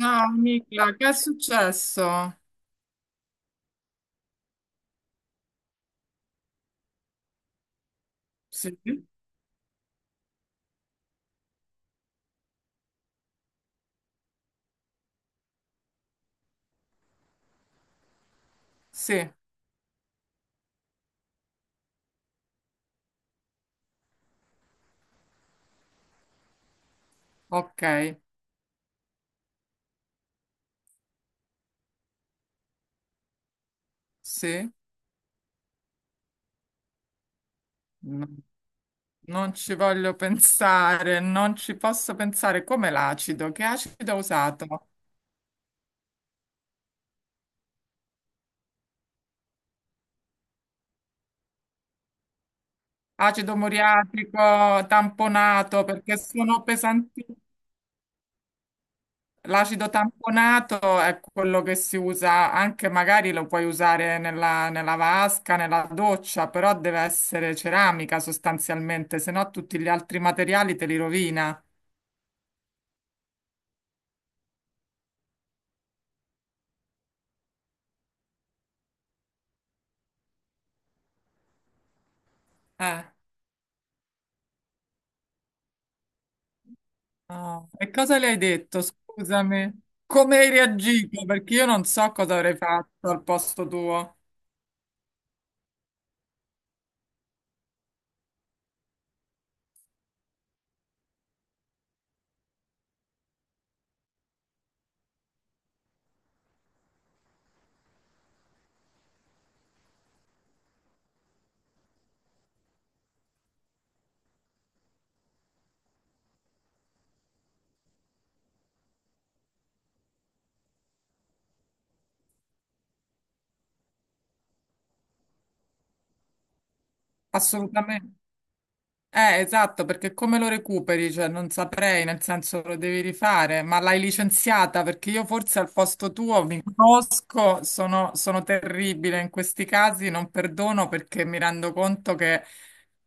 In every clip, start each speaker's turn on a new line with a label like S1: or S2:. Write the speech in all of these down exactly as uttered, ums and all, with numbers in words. S1: Ah, amica, che è successo? Sì, sì, ok, sì, no, non ci voglio pensare, non ci posso pensare. Come l'acido? Che acido ha usato? Acido muriatico, tamponato, perché sono pesanti. L'acido tamponato è quello che si usa anche, magari lo puoi usare nella, nella vasca, nella doccia, però deve essere ceramica sostanzialmente, se no tutti gli altri materiali te li rovina. Eh. No. E cosa le hai detto? Scusami. Come hai reagito? Perché io non so cosa avrei fatto al posto tuo. Assolutamente. Eh, esatto, perché come lo recuperi? Cioè, non saprei, nel senso lo devi rifare, ma l'hai licenziata perché io forse al posto tuo mi conosco, sono, sono terribile in questi casi, non perdono perché mi rendo conto che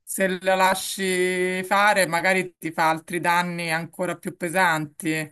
S1: se la lasci fare magari ti fa altri danni ancora più pesanti.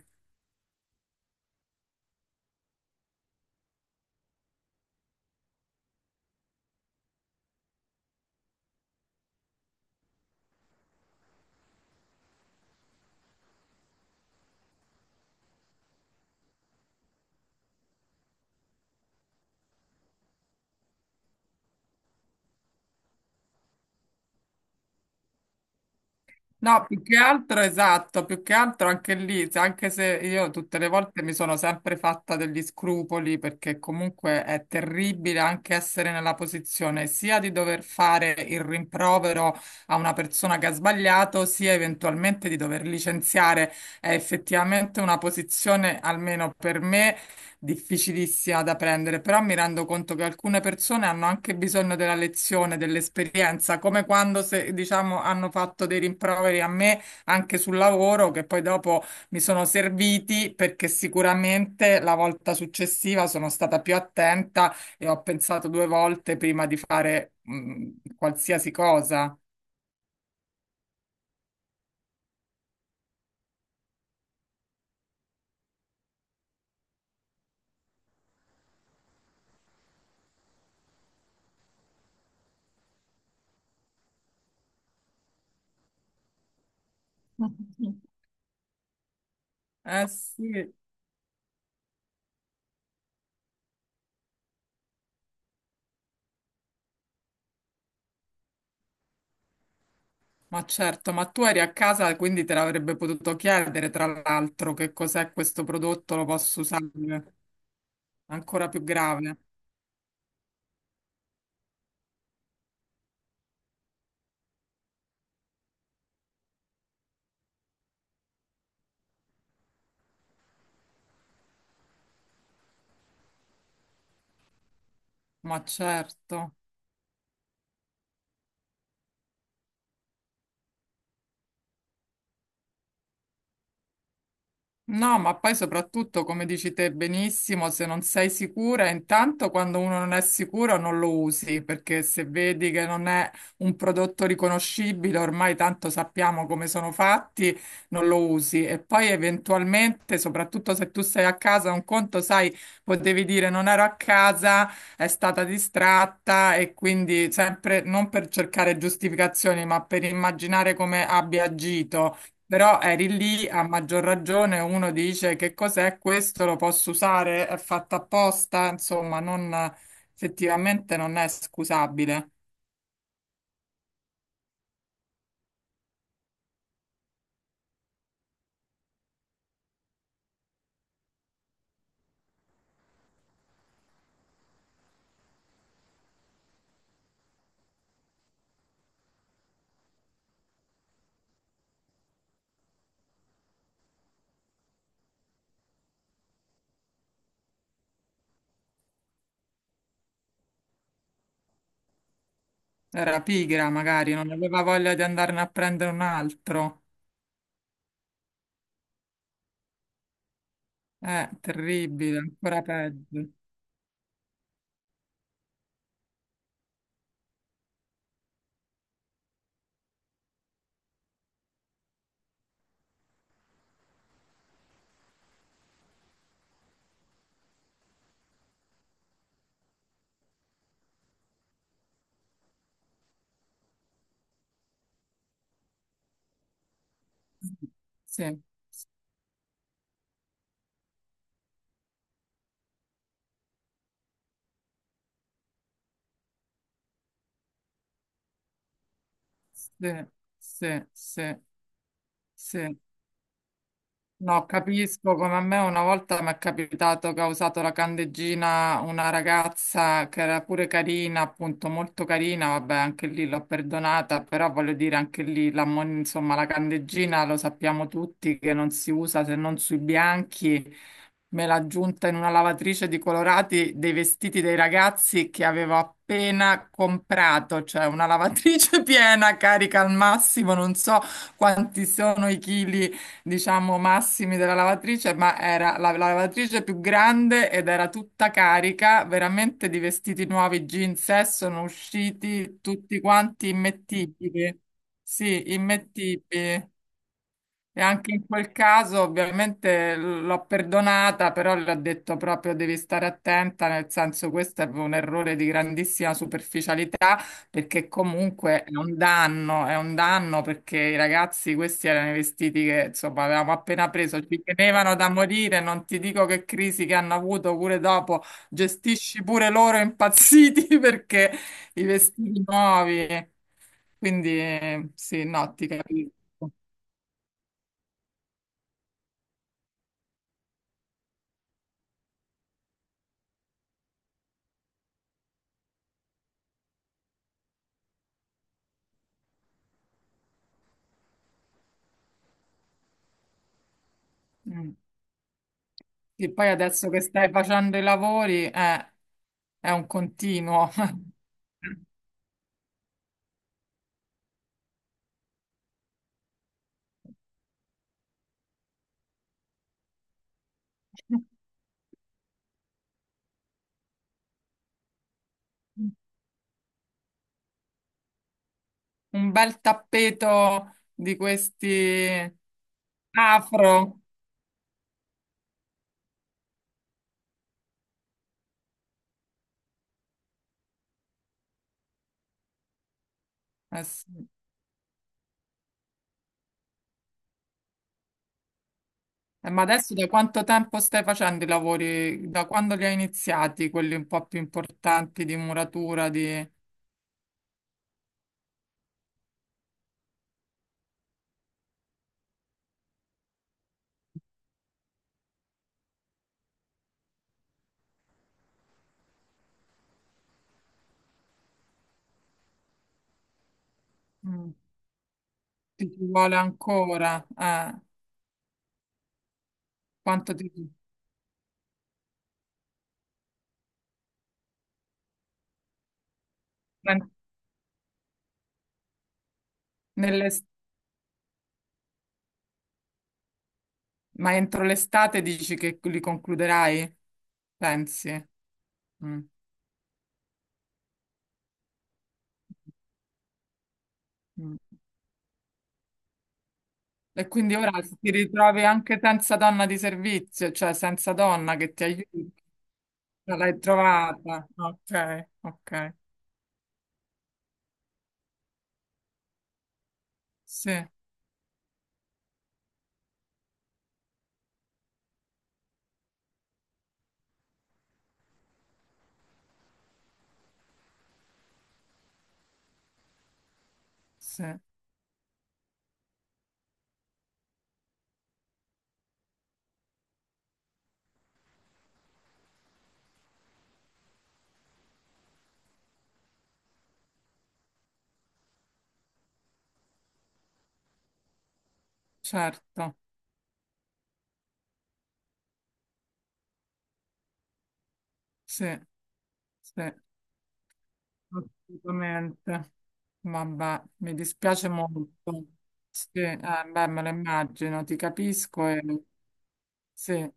S1: No, più che altro, esatto, più che altro anche lì, se- anche se io tutte le volte mi sono sempre fatta degli scrupoli, perché comunque è terribile anche essere nella posizione sia di dover fare il rimprovero a una persona che ha sbagliato, sia eventualmente di dover licenziare. È effettivamente una posizione, almeno per me difficilissima da prendere, però mi rendo conto che alcune persone hanno anche bisogno della lezione, dell'esperienza, come quando se, diciamo, hanno fatto dei rimproveri a me anche sul lavoro, che poi dopo mi sono serviti perché sicuramente la volta successiva sono stata più attenta e ho pensato due volte prima di fare, mh, qualsiasi cosa. Eh sì. Ma certo, ma tu eri a casa, quindi te l'avrebbe potuto chiedere, tra l'altro, che cos'è questo prodotto, lo posso usare? Ancora più grave. Ma certo. No, ma poi soprattutto, come dici te benissimo, se non sei sicura, intanto quando uno non è sicuro non lo usi, perché se vedi che non è un prodotto riconoscibile, ormai tanto sappiamo come sono fatti, non lo usi. E poi eventualmente, soprattutto se tu sei a casa, un conto, sai, potevi dire non ero a casa, è stata distratta e quindi sempre non per cercare giustificazioni, ma per immaginare come abbia agito. Però eri lì, a maggior ragione, uno dice che cos'è questo, lo posso usare, è fatto apposta, insomma, non, effettivamente non è scusabile. Era pigra, magari, non aveva voglia di andarne a prendere un altro. Eh, terribile, ancora peggio. Sì, sì, sì, sì, sì. No, capisco come a me una volta mi è capitato che ha usato la candeggina una ragazza che era pure carina, appunto molto carina, vabbè anche lì l'ho perdonata, però voglio dire anche lì, la, mon- insomma la candeggina lo sappiamo tutti che non si usa se non sui bianchi, me l'ha aggiunta in una lavatrice di colorati dei vestiti dei ragazzi che avevo appena comprato, cioè una lavatrice piena, carica al massimo, non so quanti sono i chili diciamo, massimi della lavatrice, ma era la, la lavatrice più grande ed era tutta carica, veramente di vestiti nuovi, jeans, eh, sono usciti tutti quanti immettibili. Sì, immettibili. E anche in quel caso ovviamente l'ho perdonata, però le ho detto proprio devi stare attenta, nel senso questo è un errore di grandissima superficialità, perché comunque è un danno, è un danno perché i ragazzi questi erano i vestiti che insomma avevamo appena preso, ci tenevano da morire, non ti dico che crisi che hanno avuto pure dopo, gestisci pure loro impazziti perché i vestiti nuovi, quindi eh, sì, no, ti capisco. Mm. Sì, poi adesso che stai facendo i lavori, eh, è un continuo. Un bel tappeto di questi afro. Eh sì. Eh, ma adesso da quanto tempo stai facendo i lavori? Da quando li hai iniziati, quelli un po' più importanti di muratura, di... Mm. Ti ci vuole ancora? Eh, quanto ti... ma nell'es- ma entro l'estate dici che li concluderai? Pensi? Mm. Mm. E quindi ora ti ritrovi anche senza donna di servizio, cioè senza donna che ti aiuti. Non l'hai trovata. Ok, ok. Sì, sì, certo. Sì, sì, assolutamente. Vabbè, mi dispiace molto. Sì, eh, beh, me lo immagino, ti capisco e sì.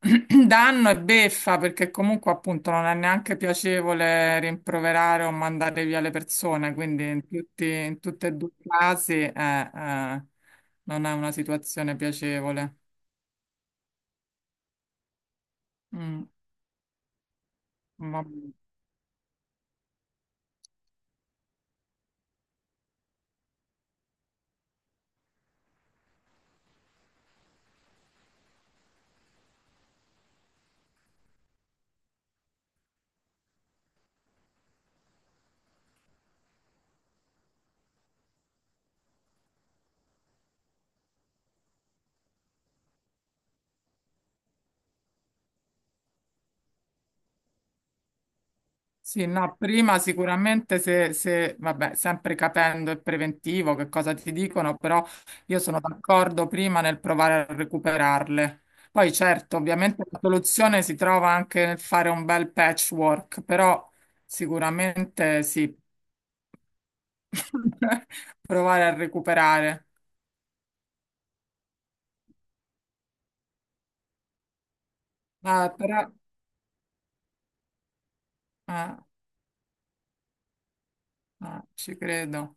S1: Danno e beffa perché comunque appunto non è neanche piacevole rimproverare o mandare via le persone, quindi in tutti, in tutti e due i casi eh, eh, non è una situazione piacevole. Mm, vabbè. Sì, no, prima sicuramente se, se- vabbè, sempre capendo il preventivo che cosa ti dicono, però io sono d'accordo prima nel provare a recuperarle. Poi certo, ovviamente la soluzione si trova anche nel fare un bel patchwork, però sicuramente sì, provare a recuperare. Ah, però, ah, ah, ci credo.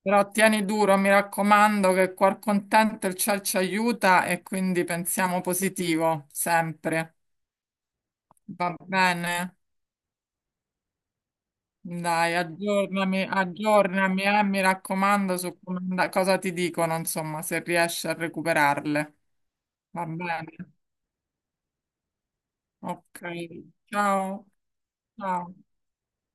S1: Però tieni duro, mi raccomando, che cuor contento il ciel ci aiuta e quindi pensiamo positivo, sempre. Va bene? Dai, aggiornami, aggiornami, eh, mi raccomando su come and- cosa ti dicono, insomma, se riesci a recuperarle. Va bene? Ok. Ciao. Ciao.